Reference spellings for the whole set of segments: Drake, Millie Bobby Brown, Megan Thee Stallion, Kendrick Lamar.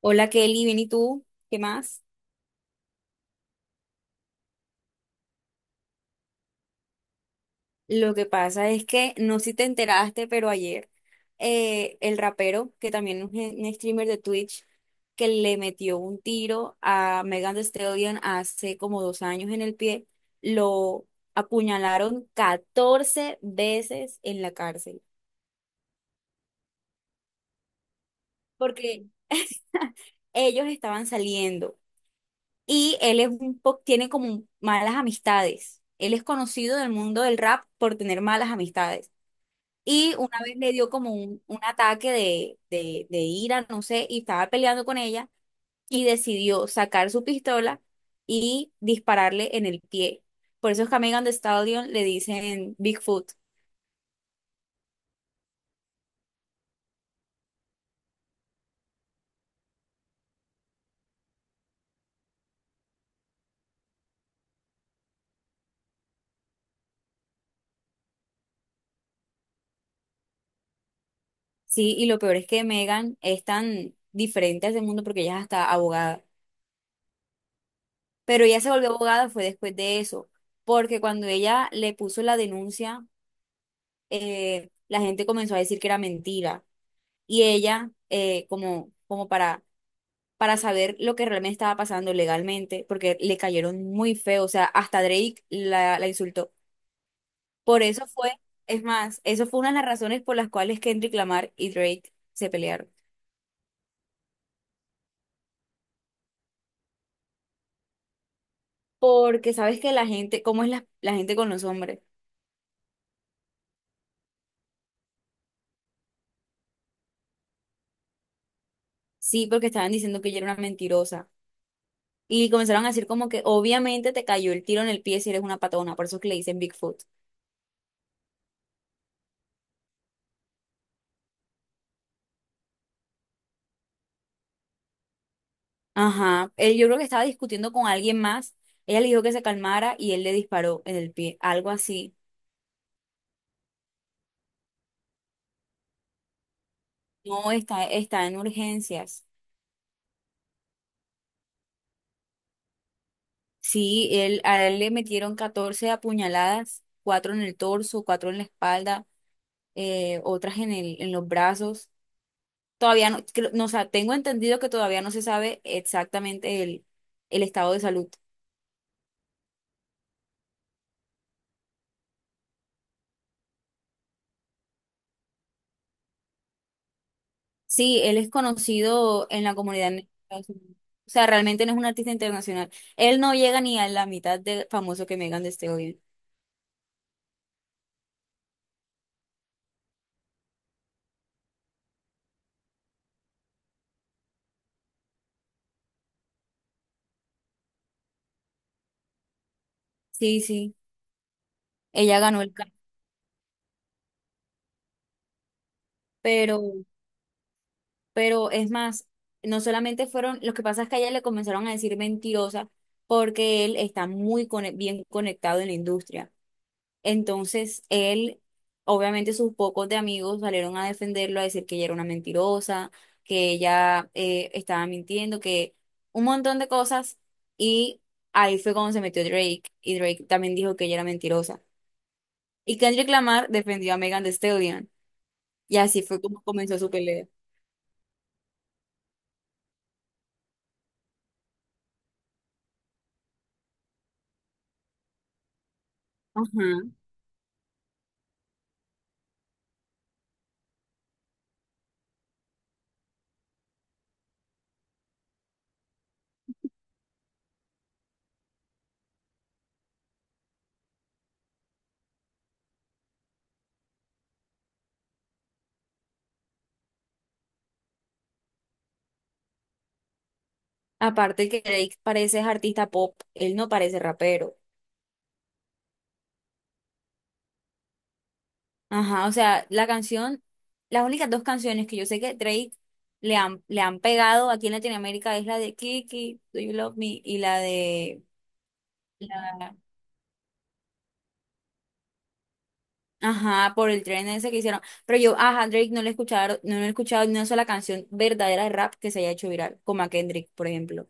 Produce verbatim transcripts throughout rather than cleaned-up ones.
Hola Kelly, bien, ¿y tú? ¿Qué más? Lo que pasa es que no sé si te enteraste, pero ayer eh, el rapero, que también es un, un streamer de Twitch, que le metió un tiro a Megan Thee Stallion hace como dos años en el pie, lo apuñalaron catorce veces en la cárcel, porque ellos estaban saliendo y él es un po- tiene como malas amistades. Él es conocido del mundo del rap por tener malas amistades. Y una vez le dio como un, un ataque de, de, de ira, no sé, y estaba peleando con ella y decidió sacar su pistola y dispararle en el pie. Por eso es que a Megan Thee Stallion le dicen Bigfoot. Sí, y lo peor es que Megan es tan diferente a ese mundo porque ella es hasta abogada. Pero ella se volvió abogada fue después de eso, porque cuando ella le puso la denuncia, eh, la gente comenzó a decir que era mentira. Y ella, eh, como, como para para saber lo que realmente estaba pasando legalmente, porque le cayeron muy feo, o sea, hasta Drake la, la insultó. Por eso fue, es más, eso fue una de las razones por las cuales Kendrick Lamar y Drake se pelearon. Porque sabes que la gente, ¿cómo es la, la gente con los hombres? Sí, porque estaban diciendo que ella era una mentirosa. Y comenzaron a decir como que obviamente te cayó el tiro en el pie si eres una patona, por eso es que le dicen Bigfoot. Ajá, él yo creo que estaba discutiendo con alguien más, ella le dijo que se calmara y él le disparó en el pie, algo así. No, está, está en urgencias. Sí, él, a él le metieron catorce apuñaladas, cuatro en el torso, cuatro en la espalda, eh, otras en el, en los brazos. Todavía no, creo- no, o sea, tengo entendido que todavía no se sabe exactamente el, el estado de salud. Sí, él es conocido en la comunidad en Estados Unidos. O sea, realmente no es un artista internacional. Él no llega ni a la mitad de famoso que Megan Thee Stallion. Sí, sí, ella ganó el Grammy, pero pero es más, no solamente fueron, lo que pasa es que a ella le comenzaron a decir mentirosa porque él está muy cone- bien conectado en la industria. Entonces, él, obviamente sus pocos de amigos salieron a defenderlo, a decir que ella era una mentirosa, que ella eh, estaba mintiendo, que un montón de cosas. Y ahí fue cuando se metió Drake y Drake también dijo que ella era mentirosa. Y Kendrick Lamar defendió a Megan Thee Stallion. Y así fue como comenzó su pelea. Ajá. Aparte que Drake parece es artista pop, él no parece rapero. Ajá, o sea, la canción, las únicas dos canciones que yo sé que Drake le han, le han pegado aquí en Latinoamérica es la de Kiki, Do You Love Me, y la de... la- Ajá, por el tren ese que hicieron. Pero yo, ajá, Drake no le he escuchado, no le he escuchado ni una sola canción verdadera de rap que se haya hecho viral, como a Kendrick, por ejemplo.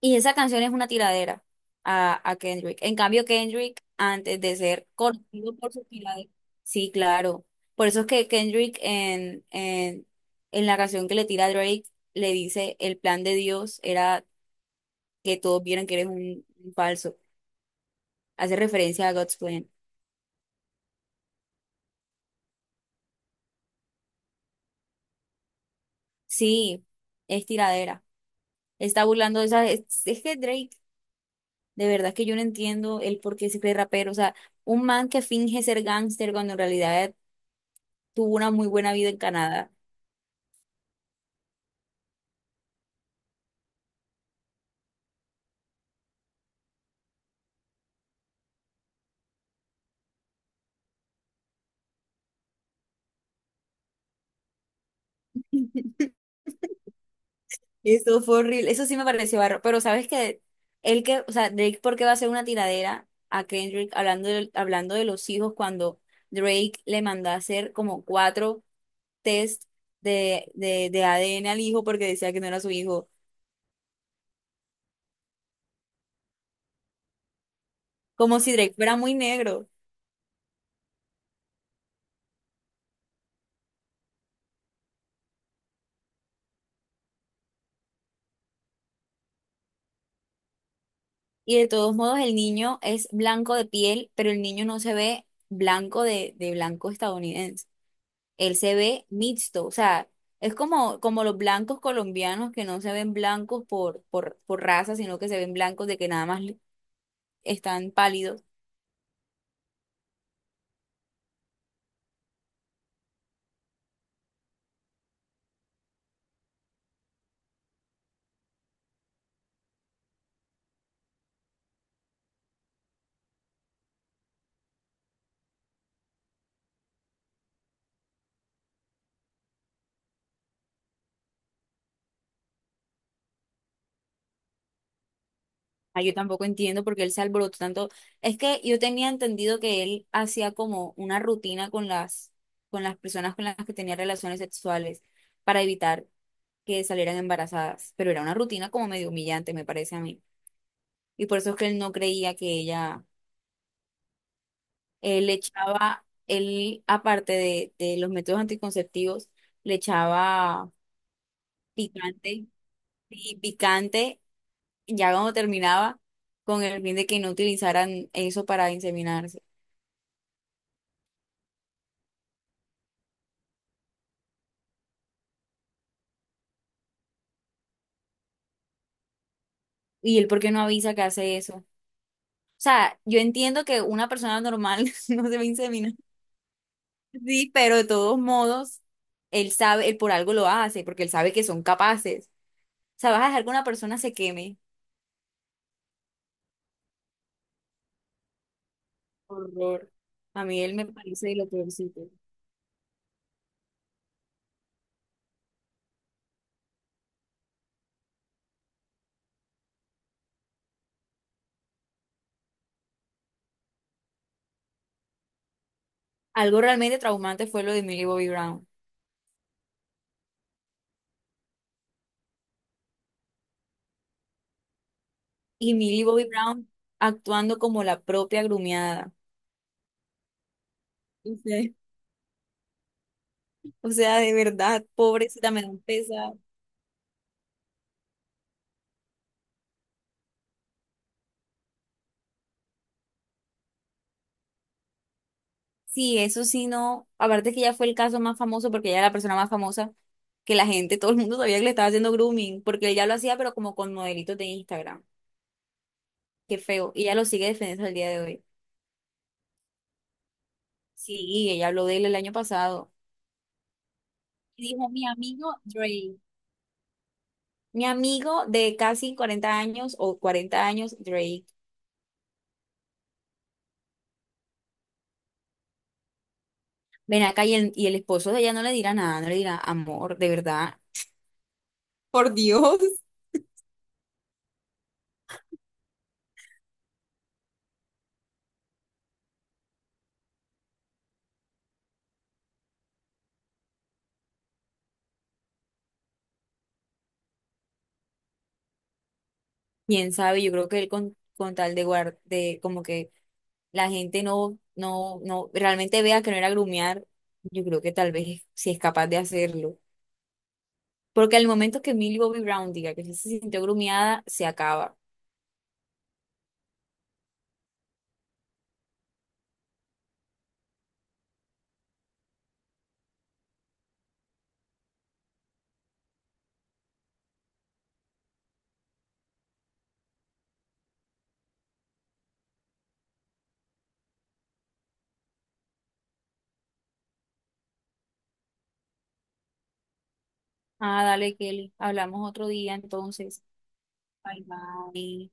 Y esa canción es una tiradera a, a Kendrick. En cambio, Kendrick, antes de ser conocido por su tiradera, sí, claro. Por eso es que Kendrick en, en, en la canción que le tira a Drake, le dice, el plan de Dios era que todos vieran que eres un, un falso. Hace referencia a God's Plan. Sí, es tiradera. Está burlando de esa... Es, es que Drake, de verdad que yo no entiendo el por qué se cree rapero. O sea, un man que finge ser gángster cuando en realidad tuvo una muy buena vida en Canadá. Eso fue horrible. Eso sí me pareció barro. Pero sabes que él que, o sea, Drake, ¿por qué va a hacer una tiradera a Kendrick hablando de, hablando de los hijos cuando Drake le mandó a hacer como cuatro test de, de, de A D N al hijo porque decía que no era su hijo? Como si Drake fuera muy negro. Y de todos modos, el niño es blanco de piel, pero el niño no se ve blanco de, de blanco estadounidense. Él se ve mixto, o sea, es como, como los blancos colombianos que no se ven blancos por, por, por raza, sino que se ven blancos de que nada más li- están pálidos. Ah, yo tampoco entiendo por qué él se alborotó tanto. Es que yo tenía entendido que él hacía como una rutina con las, con las personas con las que tenía relaciones sexuales para evitar que salieran embarazadas, pero era una rutina como medio humillante, me parece a mí. Y por eso es que él no creía que ella. Él le echaba, él, aparte de, de los métodos anticonceptivos, le echaba picante y picante ya cuando terminaba, con el fin de que no utilizaran eso para inseminarse. ¿Y él por qué no avisa que hace eso? O sea, yo entiendo que una persona normal no se va a inseminar. Sí, pero de todos modos, él sabe, él por algo lo hace, porque él sabe que son capaces. O sea, vas a dejar que una persona se queme. Horror. A mí él me parece de lo peorcito. Algo realmente traumante fue lo de Millie Bobby Brown. Y Millie Bobby Brown actuando como la propia grumiada. O sea, o sea, de verdad, pobrecita, me da un pesar. Sí, eso sí no. Aparte que ella fue el caso más famoso porque ella era la persona más famosa que la gente, todo el mundo sabía que le estaba haciendo grooming, porque ella lo hacía pero como con modelitos de Instagram. Qué feo. Y ella lo sigue defendiendo al día de hoy. Sí, ella habló de él el año pasado. Y dijo, mi amigo Dre. Mi amigo de casi cuarenta años o cuarenta años, Dre. Ven acá y el, y el esposo de ella no le dirá nada, no le dirá amor, de verdad. Por Dios. Quién sabe, yo creo que él con, con tal de guardar, de como que la gente no, no, no, realmente vea que no era grumear, yo creo que tal vez si es capaz de hacerlo. Porque al momento que Millie Bobby Brown diga que sí se sintió grumeada, se acaba. Ah, dale, Kelly, hablamos otro día entonces. Bye bye.